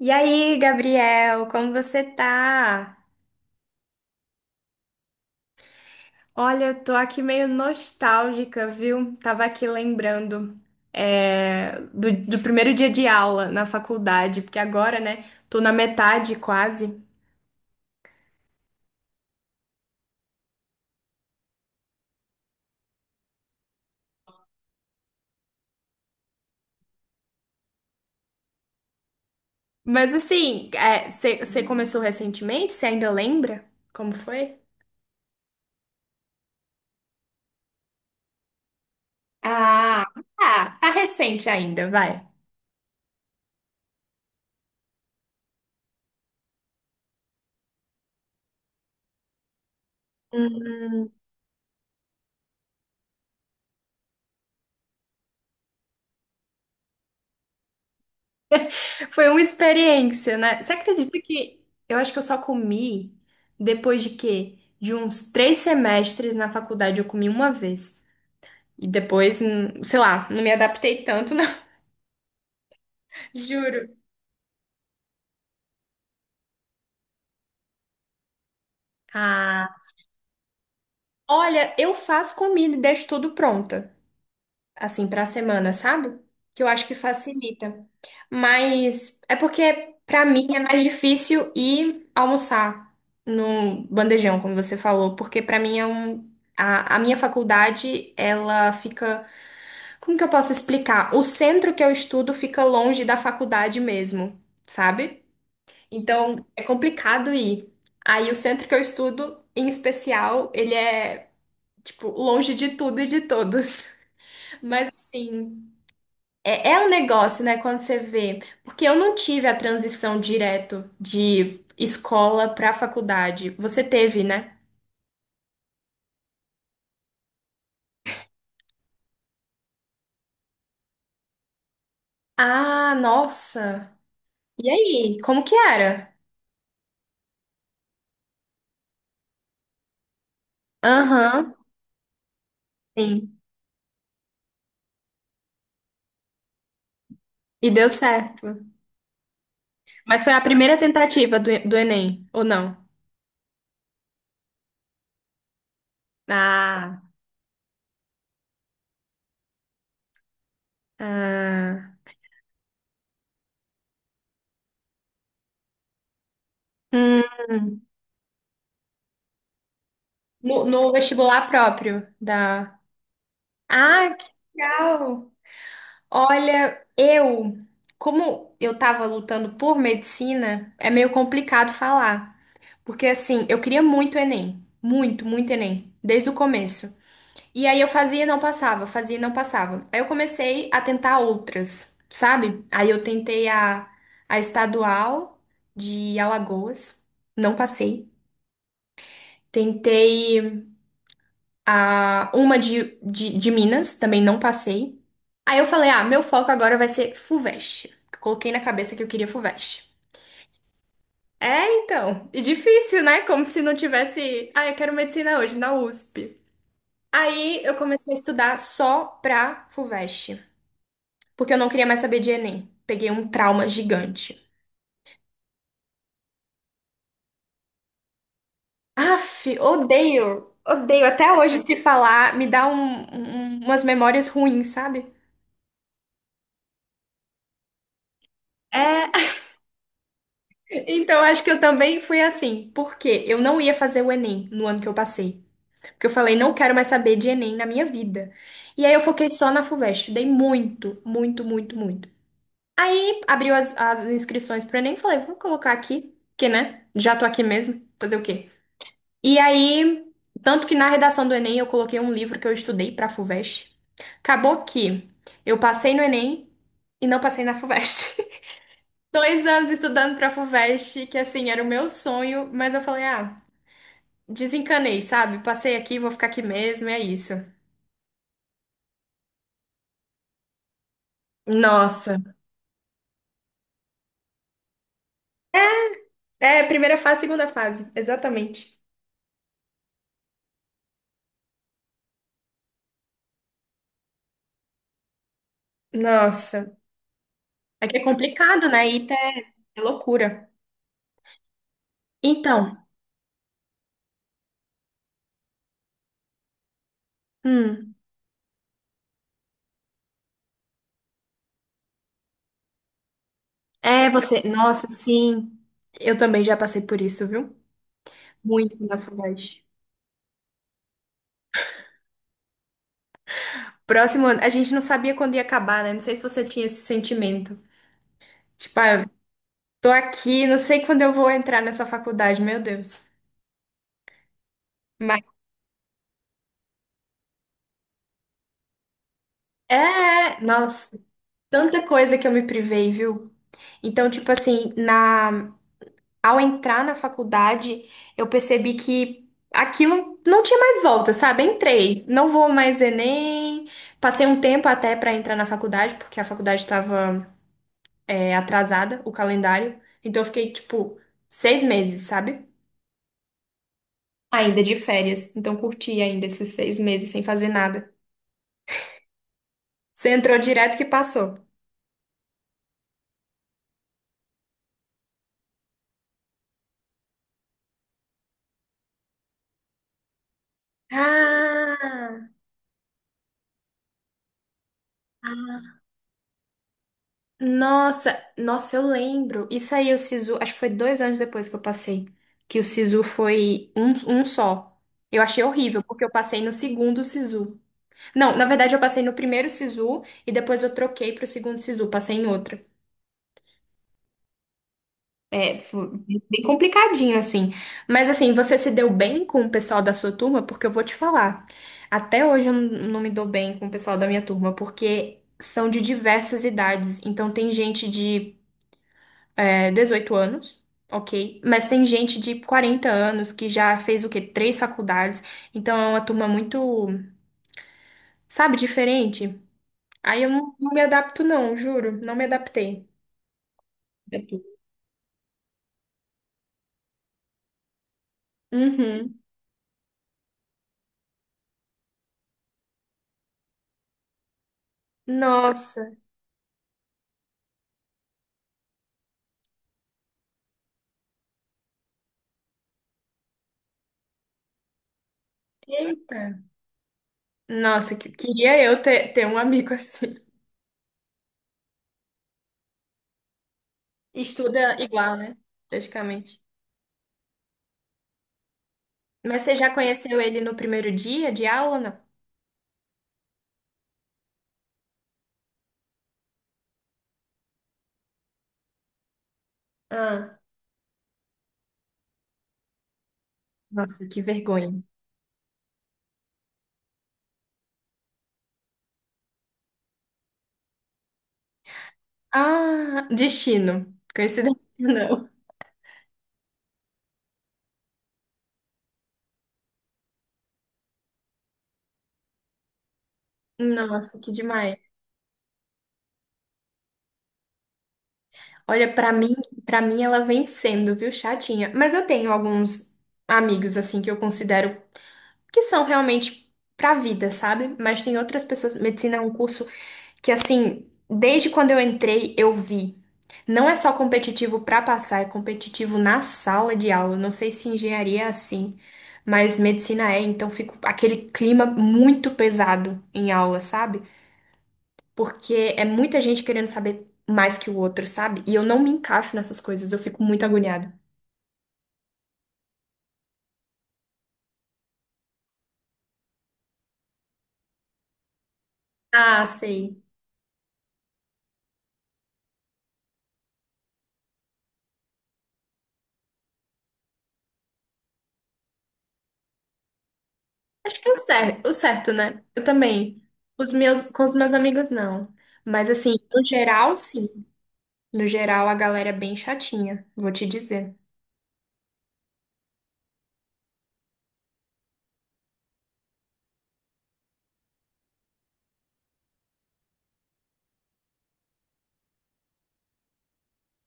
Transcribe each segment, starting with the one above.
E aí, Gabriel, como você tá? Olha, eu tô aqui meio nostálgica, viu? Tava aqui lembrando do primeiro dia de aula na faculdade, porque agora, né, tô na metade quase. Mas assim, você começou recentemente? Você ainda lembra como foi? Ah, ah, tá recente ainda, vai. Foi uma experiência, né? Você acredita que eu acho que eu só comi depois de quê? De uns três semestres na faculdade, eu comi uma vez. E depois, sei lá, não me adaptei tanto, não. Juro. Ah, olha, eu faço comida e deixo tudo pronta. Assim, para a semana, sabe? Que eu acho que facilita. Mas é porque para mim é mais difícil ir almoçar no bandejão, como você falou, porque para mim é um a minha faculdade, ela fica, como que eu posso explicar? O centro que eu estudo fica longe da faculdade mesmo, sabe? Então é complicado ir. Aí o centro que eu estudo, em especial, ele é tipo longe de tudo e de todos. Mas assim, é um negócio, né, quando você vê. Porque eu não tive a transição direto de escola para faculdade. Você teve, né? Ah, nossa. E aí, como que era? Aham, sim. E deu certo. Mas foi a primeira tentativa do Enem, ou não? Ah, ah. Hum, no vestibular próprio da. Ah, que legal! Olha, eu, como eu estava lutando por medicina, é meio complicado falar, porque assim, eu queria muito Enem, muito, muito Enem, desde o começo. E aí eu fazia e não passava, fazia e não passava. Aí eu comecei a tentar outras, sabe? Aí eu tentei a estadual de Alagoas, não passei. Tentei a uma de Minas, também não passei. Aí eu falei, ah, meu foco agora vai ser FUVEST. Coloquei na cabeça que eu queria FUVEST. É, então, e difícil, né? Como se não tivesse, ah, eu quero medicina hoje, na USP. Aí eu comecei a estudar só pra FUVEST, porque eu não queria mais saber de Enem. Peguei um trauma gigante. Aff, odeio, odeio. Até hoje, se falar, me dá umas memórias ruins, sabe? É, então, acho que eu também fui assim, porque eu não ia fazer o Enem no ano que eu passei. Porque eu falei, não quero mais saber de Enem na minha vida. E aí eu foquei só na FUVEST, estudei muito, muito, muito, muito. Aí abriu as inscrições pro Enem, falei, vou colocar aqui, que né? Já tô aqui mesmo, fazer o quê? E aí, tanto que na redação do Enem eu coloquei um livro que eu estudei pra FUVEST. Acabou que eu passei no Enem e não passei na FUVEST dois anos estudando pra FUVEST, que assim, era o meu sonho, mas eu falei, ah, desencanei, sabe? Passei aqui, vou ficar aqui mesmo, é isso. Nossa, é, primeira fase, segunda fase, exatamente. Nossa. É que é complicado, né? ITA é loucura. Então, hum, é você. Nossa, sim. Eu também já passei por isso, viu? Muito na Fuvest. Próximo ano, a gente não sabia quando ia acabar, né? Não sei se você tinha esse sentimento. Tipo, ah, eu tô aqui, não sei quando eu vou entrar nessa faculdade, meu Deus. Mas é, nossa, tanta coisa que eu me privei, viu? Então, tipo assim, na ao entrar na faculdade, eu percebi que aquilo não tinha mais volta, sabe? Entrei, não vou mais Enem. Passei um tempo até pra entrar na faculdade, porque a faculdade estava atrasada, o calendário. Então, eu fiquei, tipo, seis meses, sabe? Ainda de férias. Então, curti ainda esses seis meses sem fazer nada. Você entrou direto que passou. Ah! Nossa, nossa, eu lembro. Isso aí, o Sisu, acho que foi dois anos depois que eu passei, que o Sisu foi um, um só. Eu achei horrível, porque eu passei no segundo Sisu. Não, na verdade, eu passei no primeiro Sisu e depois eu troquei pro segundo Sisu, passei em outro. É, foi bem complicadinho, assim. Mas, assim, você se deu bem com o pessoal da sua turma? Porque eu vou te falar, até hoje eu não me dou bem com o pessoal da minha turma, porque são de diversas idades. Então, tem gente de é, 18 anos, ok? Mas tem gente de 40 anos que já fez o quê? Três faculdades. Então é uma turma muito, sabe, diferente. Aí eu não, não me adapto, não, juro. Não me adaptei. É. Uhum. Nossa. Eita. Nossa, queria eu ter, ter um amigo assim. Estuda igual, né? Praticamente. Mas você já conheceu ele no primeiro dia de aula, ou não? Ah, nossa, que vergonha. Ah, destino. Coincidência, não. Nossa, que demais. Olha, pra mim, para mim ela vem sendo, viu, chatinha. Mas eu tenho alguns amigos assim que eu considero que são realmente pra vida, sabe? Mas tem outras pessoas, medicina é um curso que assim, desde quando eu entrei, eu vi. Não é só competitivo pra passar, é competitivo na sala de aula. Eu não sei se engenharia é assim, mas medicina é, então fica aquele clima muito pesado em aula, sabe? Porque é muita gente querendo saber mais que o outro, sabe? E eu não me encaixo nessas coisas, eu fico muito agoniada. Ah, sei. Acho que é o certo, né? Eu também. Os meus, com os meus amigos, não. Mas assim, no geral, sim. No geral, a galera é bem chatinha, vou te dizer.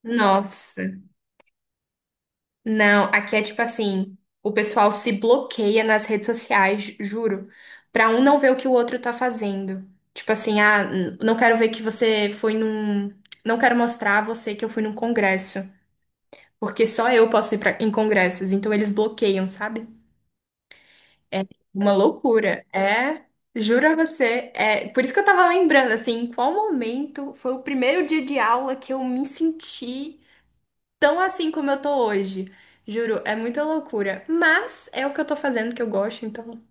Nossa. Não, aqui é tipo assim, o pessoal se bloqueia nas redes sociais, juro, pra um não ver o que o outro tá fazendo. Tipo assim, ah, não quero ver que você foi num, não quero mostrar a você que eu fui num congresso, porque só eu posso ir pra, em congressos, então eles bloqueiam, sabe? Uma loucura. É, juro a você, é, por isso que eu tava lembrando assim, em qual momento foi o primeiro dia de aula que eu me senti tão assim como eu tô hoje. Juro, é muita loucura. Mas é o que eu tô fazendo que eu gosto, então.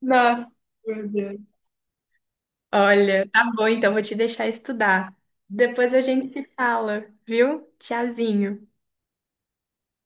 Nossa, meu Deus. Olha, tá bom, então vou te deixar estudar. Depois a gente se fala, viu? Tchauzinho.